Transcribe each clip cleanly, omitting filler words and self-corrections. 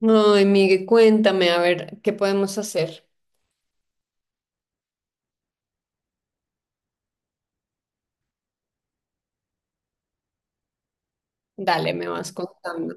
Ay, Miguel, cuéntame, a ver, ¿qué podemos hacer? Dale, me vas contando.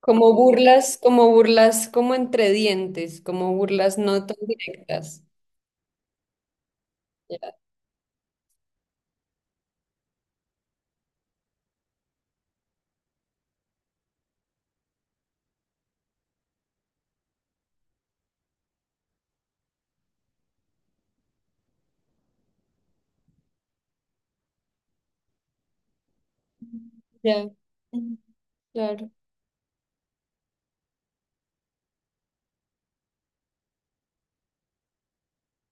Como burlas, como burlas, como entre dientes, como burlas no tan directas. Ya, ya. Mm, claro.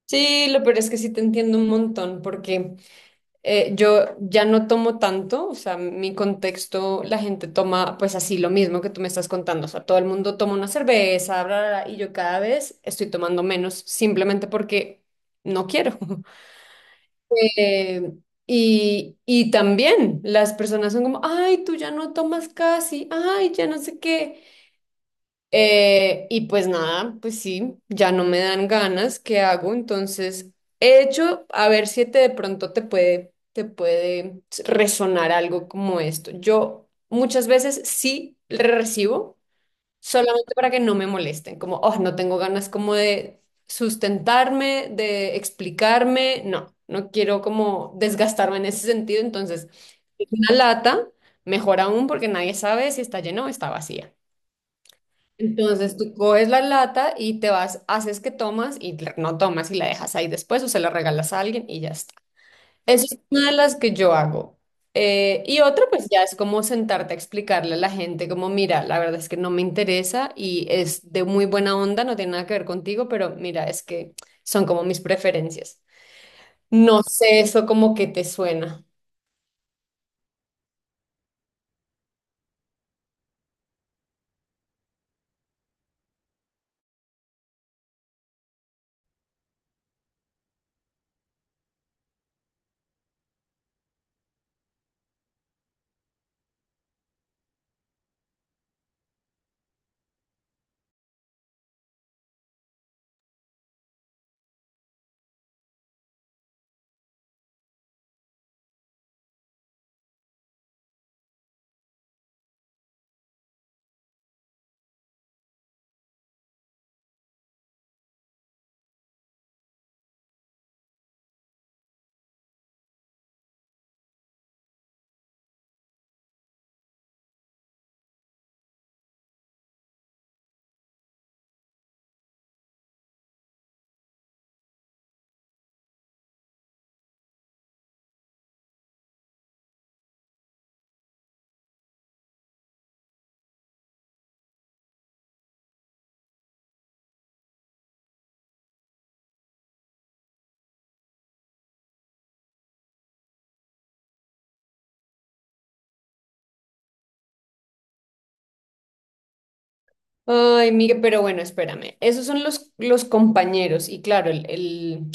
Sí, lo peor es que sí te entiendo un montón, porque yo ya no tomo tanto, o sea, mi contexto, la gente toma pues así lo mismo que tú me estás contando, o sea, todo el mundo toma una cerveza, bla, bla, bla, y yo cada vez estoy tomando menos, simplemente porque no quiero. Eh, y también las personas son como, ay, tú ya no tomas casi, ay, ya no sé qué. Y pues nada, pues sí, ya no me dan ganas, ¿qué hago? Entonces, he hecho, a ver si te, de pronto te puede resonar algo como esto. Yo muchas veces sí recibo solamente para que no me molesten, como, oh, no tengo ganas como de sustentarme, de explicarme, no, no quiero como desgastarme en ese sentido, entonces una lata, mejor aún porque nadie sabe si está llena o está vacía. Entonces tú coges la lata y te vas, haces que tomas y no tomas y la dejas ahí después o se la regalas a alguien y ya está. Esa es una de las que yo hago. Y otra, pues ya es como sentarte a explicarle a la gente, como, mira, la verdad es que no me interesa y es de muy buena onda, no tiene nada que ver contigo, pero mira, es que son como mis preferencias. No sé eso como que te suena. Ay, Miguel, pero bueno, espérame. Esos son los compañeros y claro,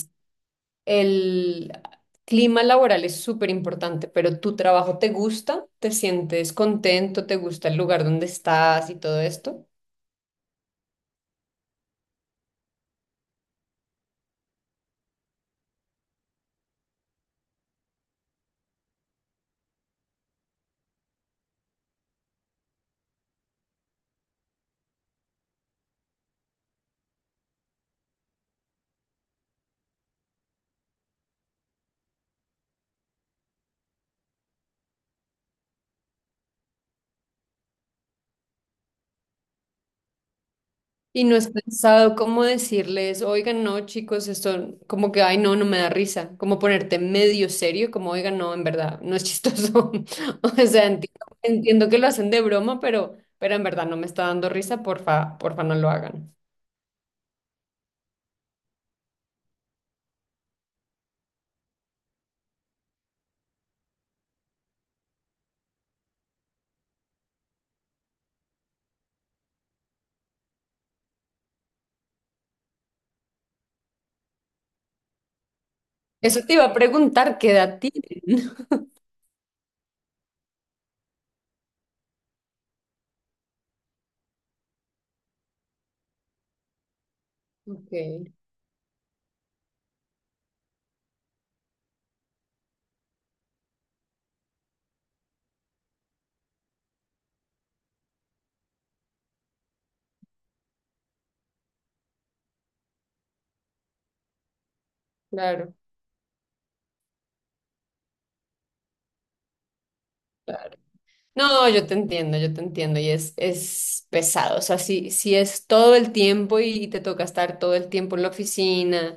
el clima laboral es súper importante, pero tu trabajo te gusta, te sientes contento, te gusta el lugar donde estás y todo esto. Y no es pensado cómo decirles, oigan, no, chicos, esto como que, ay, no, no me da risa, como ponerte medio serio, como, oigan, no, en verdad, no es chistoso. O sea, entiendo, entiendo que lo hacen de broma, pero en verdad no me está dando risa, porfa, porfa, no lo hagan. Eso te iba a preguntar, ¿qué edad tienen? Ok, claro, claro. No, yo te entiendo, y es pesado, o sea, si, si es todo el tiempo y te toca estar todo el tiempo en la oficina.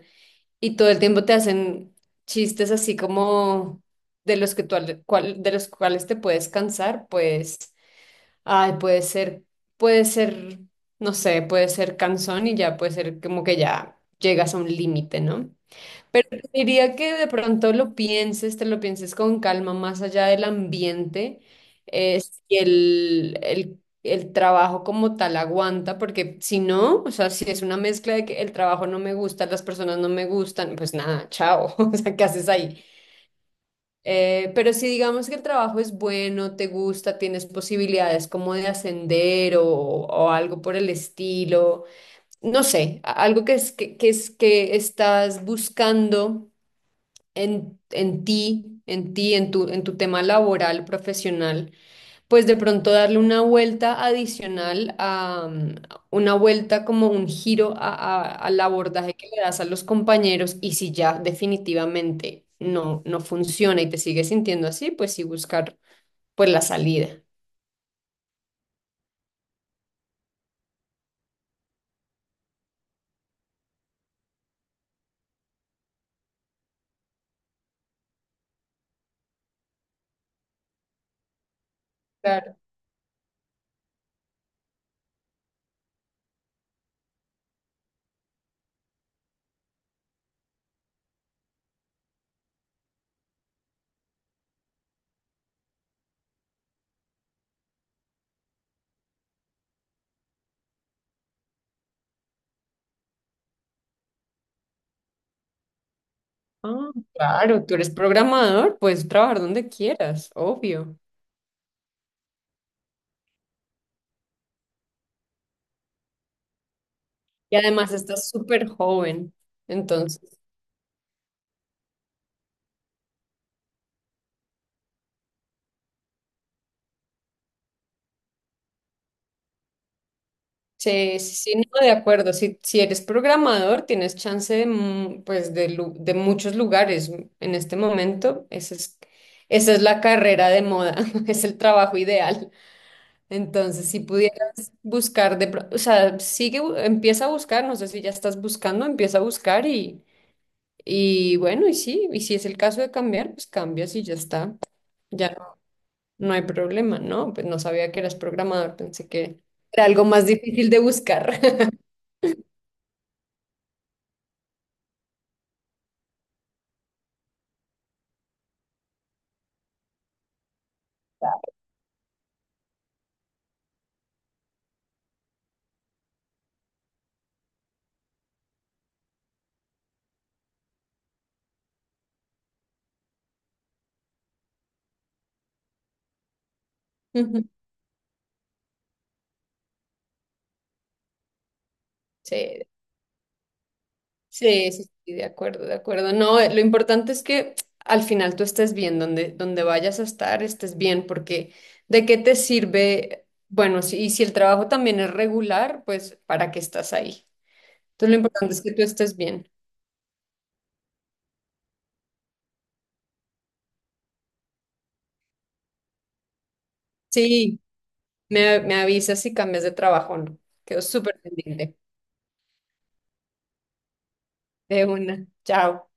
Y todo el tiempo te hacen chistes así como de los que de los cuales te puedes cansar, pues, ay, puede ser, no sé, puede ser cansón y ya puede ser como que ya llegas a un límite, ¿no? Pero te diría que de pronto lo pienses, te lo pienses con calma, más allá del ambiente, si el trabajo como tal aguanta, porque si no, o sea, si es una mezcla de que el trabajo no me gusta, las personas no me gustan, pues nada, chao, o sea, ¿qué haces ahí? Pero si digamos que el trabajo es bueno, te gusta, tienes posibilidades como de ascender o algo por el estilo, no sé, algo que es que estás buscando en ti, en tu tema laboral, profesional, pues de pronto darle una vuelta adicional a una vuelta como un giro al abordaje que le das a los compañeros y si ya definitivamente no, no funciona y te sigues sintiendo así, pues sí buscar pues la salida. Claro. Ah, claro, tú eres programador, puedes trabajar donde quieras, obvio. Y además estás súper joven, entonces. Sí, sí, sí, no, de acuerdo. Si, si eres programador, tienes chance de, pues de, de muchos lugares. En este momento, esa es la carrera de moda, es el trabajo ideal. Entonces, si pudieras buscar, o sea, sigue, empieza a buscar, no sé si ya estás buscando, empieza a buscar y bueno, y sí, y si es el caso de cambiar, pues cambias y ya está. Ya no, no hay problema, ¿no? Pues no sabía que eras programador, pensé que era algo más difícil de buscar. Ujú. Sí, sí, sí, sí, de acuerdo, de acuerdo. No, lo importante es que al final tú estés bien, donde, donde vayas a estar, estés bien, porque ¿de qué te sirve? Bueno, si, y si el trabajo también es regular, pues ¿para qué estás ahí? Entonces lo importante es que tú estés bien. Sí, me avisas si cambias de trabajo o no. Quedo súper pendiente. De una. Chao.